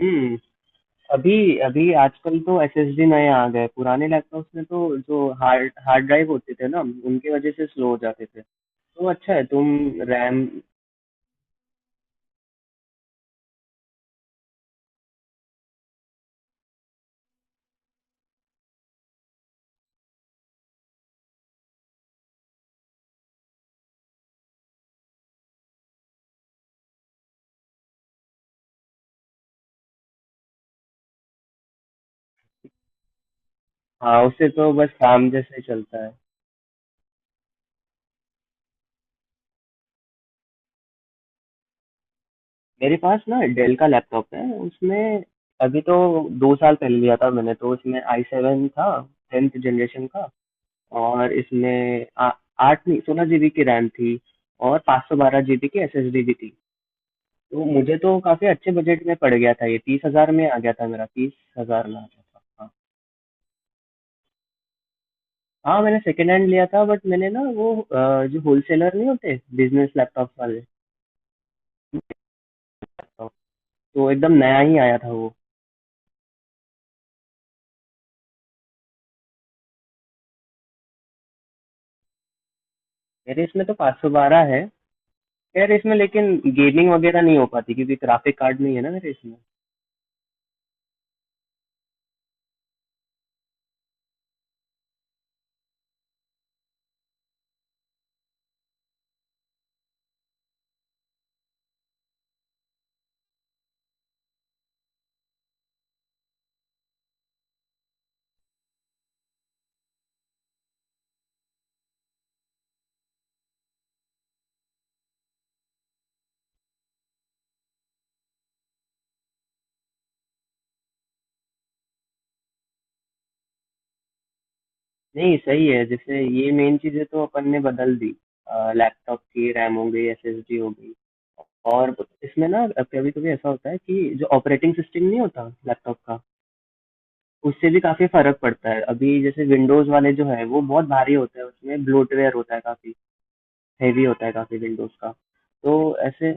हुँ, अभी अभी आजकल तो एसएसडी नए आ गए, पुराने लैपटॉप्स में तो जो हार्ड हार्ड ड्राइव होते थे ना, उनकी वजह से स्लो हो जाते थे। तो अच्छा है तुम। रैम। हाँ, उससे तो बस काम जैसे चलता है। मेरे पास ना डेल का लैपटॉप है, उसमें अभी तो 2 साल पहले लिया था मैंने तो उसमें आई सेवन था, 10th जनरेशन का। और इसमें 8 नहीं 16 जीबी की रैम थी और 512 जीबी की एसएसडी भी थी। तो मुझे तो काफ़ी अच्छे बजट में पड़ गया था ये, 30,000 में आ गया था मेरा, 30,000 में आ गया था। हाँ, हाँ मैंने सेकंड हैंड लिया था, बट मैंने ना वो जो होलसेलर नहीं होते बिजनेस लैपटॉप वाले लैपटॉप, तो एकदम नया ही आया था वो। मेरे इसमें तो 512 है, खैर इसमें लेकिन गेमिंग वगैरह नहीं हो पाती क्योंकि ग्राफिक कार्ड नहीं है ना मेरे इसमें। नहीं सही है, जैसे ये मेन चीज़ें तो अपन ने बदल दी। लैपटॉप की रैम हो गई, एसएसडी हो गई। और इसमें ना कभी कभी ऐसा होता है कि जो ऑपरेटिंग सिस्टम नहीं होता लैपटॉप का, उससे भी काफ़ी फ़र्क पड़ता है। अभी जैसे विंडोज़ वाले जो है वो बहुत भारी होता है, उसमें ब्लोटवेयर होता है काफ़ी। हैवी होता है काफ़ी विंडोज़ का तो ऐसे।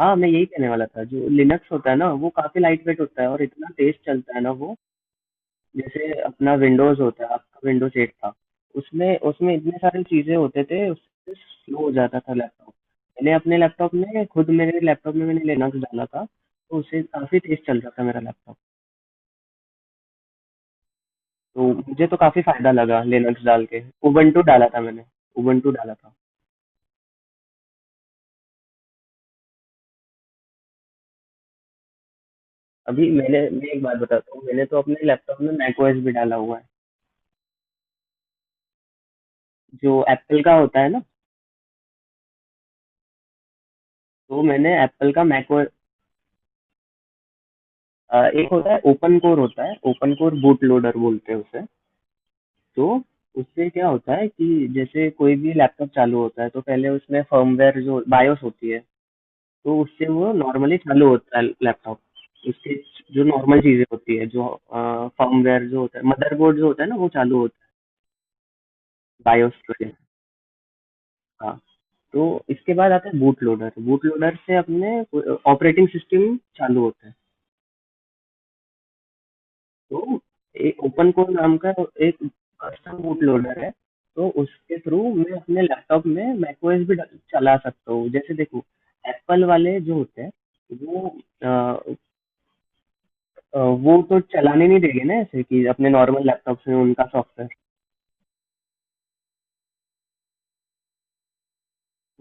हाँ मैं यही कहने वाला था, जो लिनक्स होता है ना वो काफ़ी लाइट वेट होता है और इतना तेज़ चलता है ना वो। जैसे अपना विंडोज़ होता है, आपका विंडोज़ एट था, उसमें उसमें इतने सारी चीज़ें होते थे, उससे स्लो हो जाता था लैपटॉप। मैंने अपने लैपटॉप में खुद मेरे लैपटॉप में मैंने लिनक्स डाला था, तो उससे काफ़ी तेज़ चल रहा था मेरा लैपटॉप। तो मुझे तो काफ़ी फ़ायदा लगा लिनक्स डाल के। उबंटू डाला था मैंने उबंटू डाला था अभी मैं एक बात बताता हूँ, मैंने तो अपने लैपटॉप में मैकओएस भी डाला हुआ है, जो एप्पल का होता है ना। तो मैंने एप्पल का मैकओएस, एक होता है ओपन कोर, होता है ओपन कोर बूट लोडर बोलते हैं उसे। तो उससे क्या होता है कि जैसे कोई भी लैपटॉप चालू होता है तो पहले उसमें फर्मवेयर जो बायोस होती है, तो उससे वो नॉर्मली चालू होता है लैपटॉप। उसके जो नॉर्मल चीज़ें होती है, जो फर्मवेयर जो होता है, मदरबोर्ड जो होता है ना वो चालू होता है बायोस वगैरह। हाँ। तो इसके बाद आता है बूट लोडर। बूट लोडर से अपने ऑपरेटिंग सिस्टम चालू होता है। तो एक ओपन कोर नाम का एक कस्टम बूट लोडर है। तो उसके थ्रू मैं अपने लैपटॉप में मैकओएस भी चला सकता हूँ। जैसे देखो एप्पल वाले जो होते हैं वो अ, अ, वो तो चलाने नहीं देंगे ना, ऐसे कि अपने नॉर्मल लैपटॉप में उनका सॉफ्टवेयर।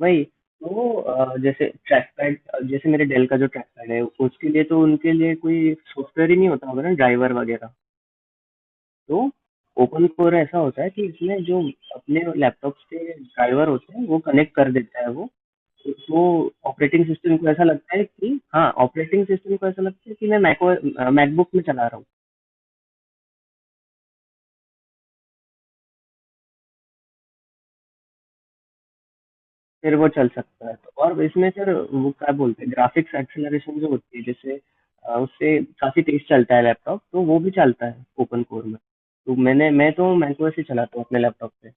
वही तो जैसे ट्रैक पैड, जैसे मेरे डेल का जो ट्रैक पैड है, उसके लिए तो उनके लिए कोई सॉफ्टवेयर ही नहीं होता होगा ना, ड्राइवर वगैरह। तो ओपन कोर ऐसा होता है कि इसमें जो अपने लैपटॉप्स के ड्राइवर होते हैं वो कनेक्ट कर देता है वो। तो ऑपरेटिंग सिस्टम को ऐसा लगता है कि हाँ, ऑपरेटिंग सिस्टम को ऐसा लगता है कि मैं मैको मैकबुक में चला रहा हूँ। फिर वो चल सकता है। तो और इसमें सर वो क्या बोलते हैं ग्राफिक्स एक्सेलरेशन जो होती है, जैसे उससे काफ़ी तेज चलता है लैपटॉप, तो वो भी चलता है ओपन कोर में। तो मैं तो मैको से चलाता हूँ अपने लैपटॉप पे।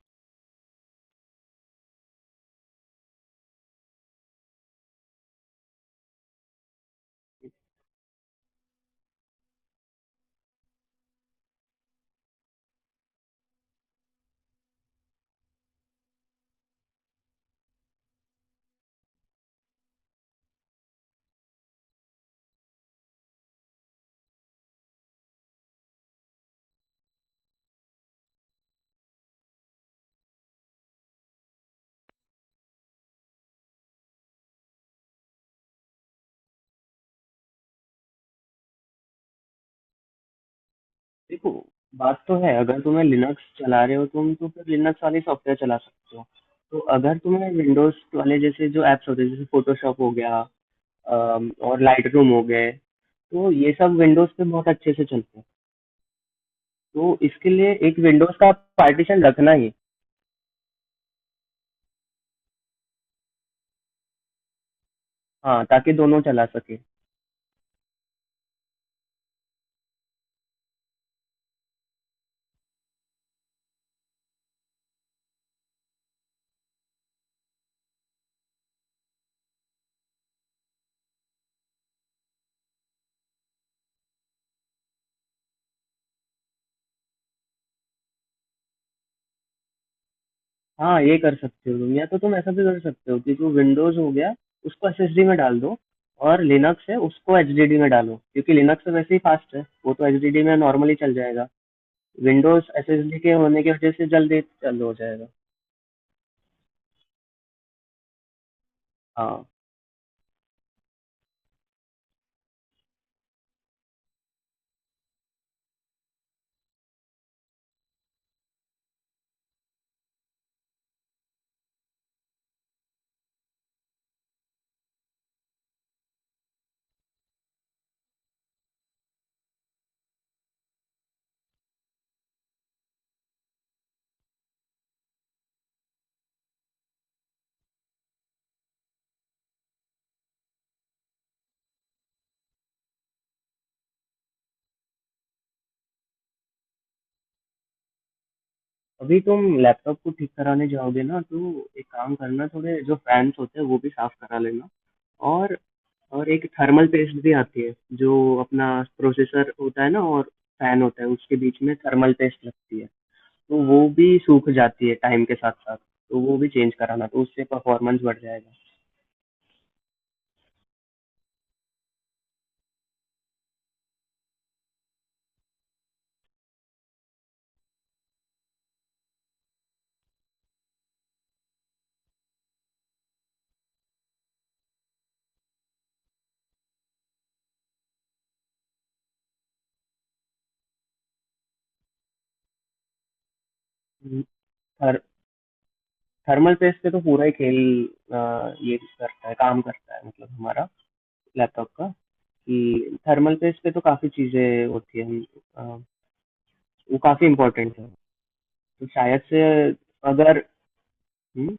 देखो, बात तो है, अगर तुम्हें लिनक्स चला रहे हो तुम तो फिर लिनक्स वाले सॉफ्टवेयर चला सकते हो। तो अगर तुम्हें विंडोज वाले जैसे जो एप्स होते हैं, जैसे फोटोशॉप हो गया, और लाइट रूम हो गए, तो ये सब विंडोज पे बहुत अच्छे से चलते हैं। तो इसके लिए एक विंडोज का पार्टीशन रखना ही। हाँ, ताकि दोनों चला सके। हाँ ये कर सकते हो तुम, या तो तुम ऐसा भी कर सकते हो कि जो विंडोज हो गया उसको एसएसडी में डाल दो, और लिनक्स है उसको एचडीडी में डालो, क्योंकि लिनक्स तो वैसे ही फास्ट है, वो तो एचडीडी में नॉर्मली चल जाएगा। विंडोज़ एसएसडी के होने की वजह से जल्दी चालू हो जाएगा। हाँ, अभी तुम लैपटॉप को ठीक कराने जाओगे ना, तो एक काम करना, थोड़े जो फैन्स होते हैं वो भी साफ़ करा लेना। और और एक थर्मल पेस्ट भी आती है, जो अपना प्रोसेसर होता है ना और फैन होता है, उसके बीच में थर्मल पेस्ट लगती है। तो वो भी सूख जाती है टाइम के साथ साथ, तो वो भी चेंज कराना, तो उससे परफॉर्मेंस बढ़ जाएगा। हम्म, थर थर्मल पेस्ट से तो पूरा ही खेल ये करता है, काम करता है मतलब हमारा लैपटॉप का, कि थर्मल पेस्ट पे तो काफ़ी चीज़ें होती हैं, अ, वो काफ़ी इम्पोर्टेंट है। तो शायद से अगर हम्म,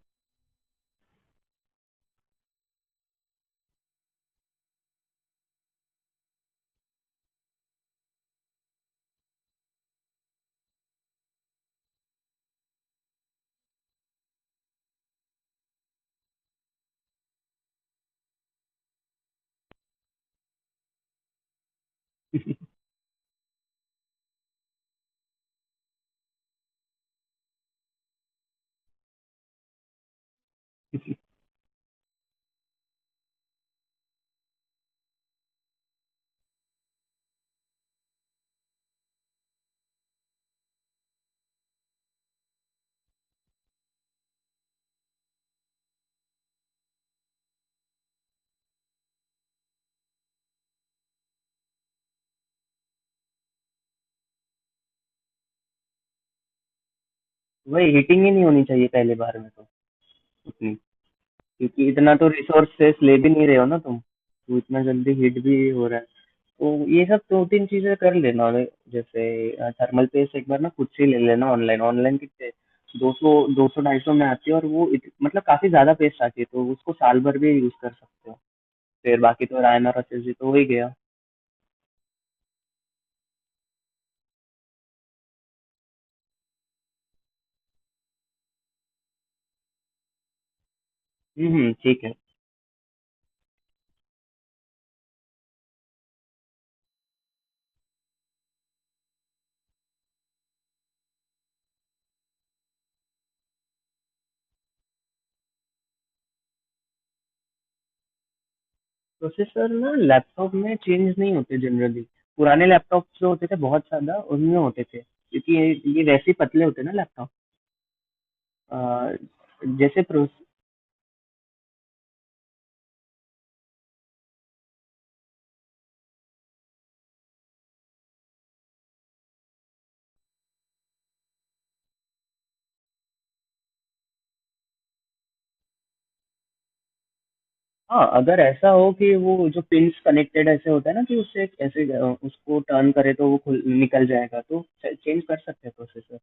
वही हीटिंग ही नहीं होनी चाहिए पहले बार में तो उतनी, क्योंकि इतना तो रिसोर्सेस ले भी नहीं रहे हो ना तुम, तो इतना जल्दी हीट भी हो रहा है। तो ये सब दो तीन चीज़ें कर लेना, और जैसे थर्मल पेस्ट एक बार ना खुद से ही ले लेना ऑनलाइन। ऑनलाइन कितने, दो सौ, दो सौ ढाई सौ में आती है, और वो मतलब काफ़ी ज़्यादा पेस्ट आती है, तो उसको साल भर भी यूज़ कर सकते हो। फिर बाकी तो रायना और आशीष जी तो हो ही गया। ठीक है। प्रोसेसर ना लैपटॉप में चेंज नहीं होते जनरली। पुराने लैपटॉप जो होते थे बहुत ज़्यादा उनमें होते थे, क्योंकि ये वैसे ही पतले होते हैं ना लैपटॉप। जैसे प्रोस। हाँ अगर ऐसा हो कि वो जो पिन्स कनेक्टेड ऐसे होता है ना कि उससे एक ऐसे उसको टर्न करे तो वो खुल निकल जाएगा, तो चेंज कर सकते हैं प्रोसेसर।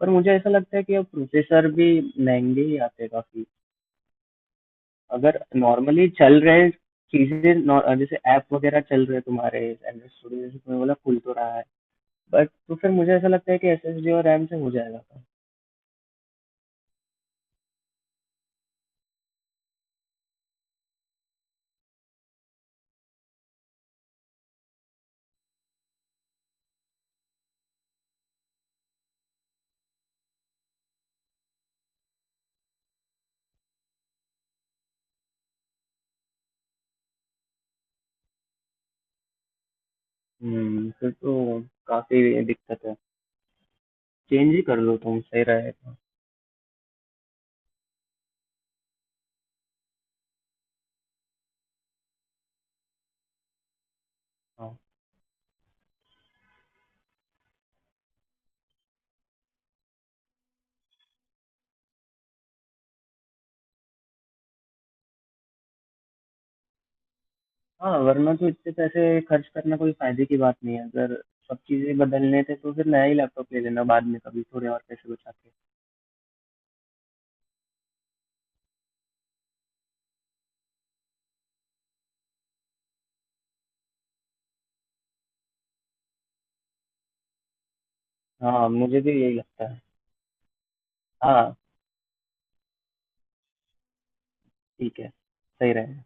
पर मुझे ऐसा लगता है कि अब प्रोसेसर भी महंगे ही आते हैं काफ़ी। अगर नॉर्मली चल रहे चीजें जैसे ऐप वगैरह चल रहे तुम्हारे, एंड्रॉइड स्टूडियो जैसे तुमने बोला खुल तो रहा है, बट तो फिर मुझे ऐसा लगता है कि एसएसडी और रैम से हो जाएगा काम। हम्म, फिर तो काफी दिक्कत है। चेंज ही कर लो तुम, सही रहेगा। हाँ। हाँ वरना तो इतने पैसे खर्च करना कोई फायदे की बात नहीं है, अगर सब चीजें बदलने थे तो फिर नया ही लैपटॉप ले लेना बाद में कभी थोड़े और पैसे बचा के। हाँ मुझे भी यही लगता है। हाँ ठीक है, सही रहेगा।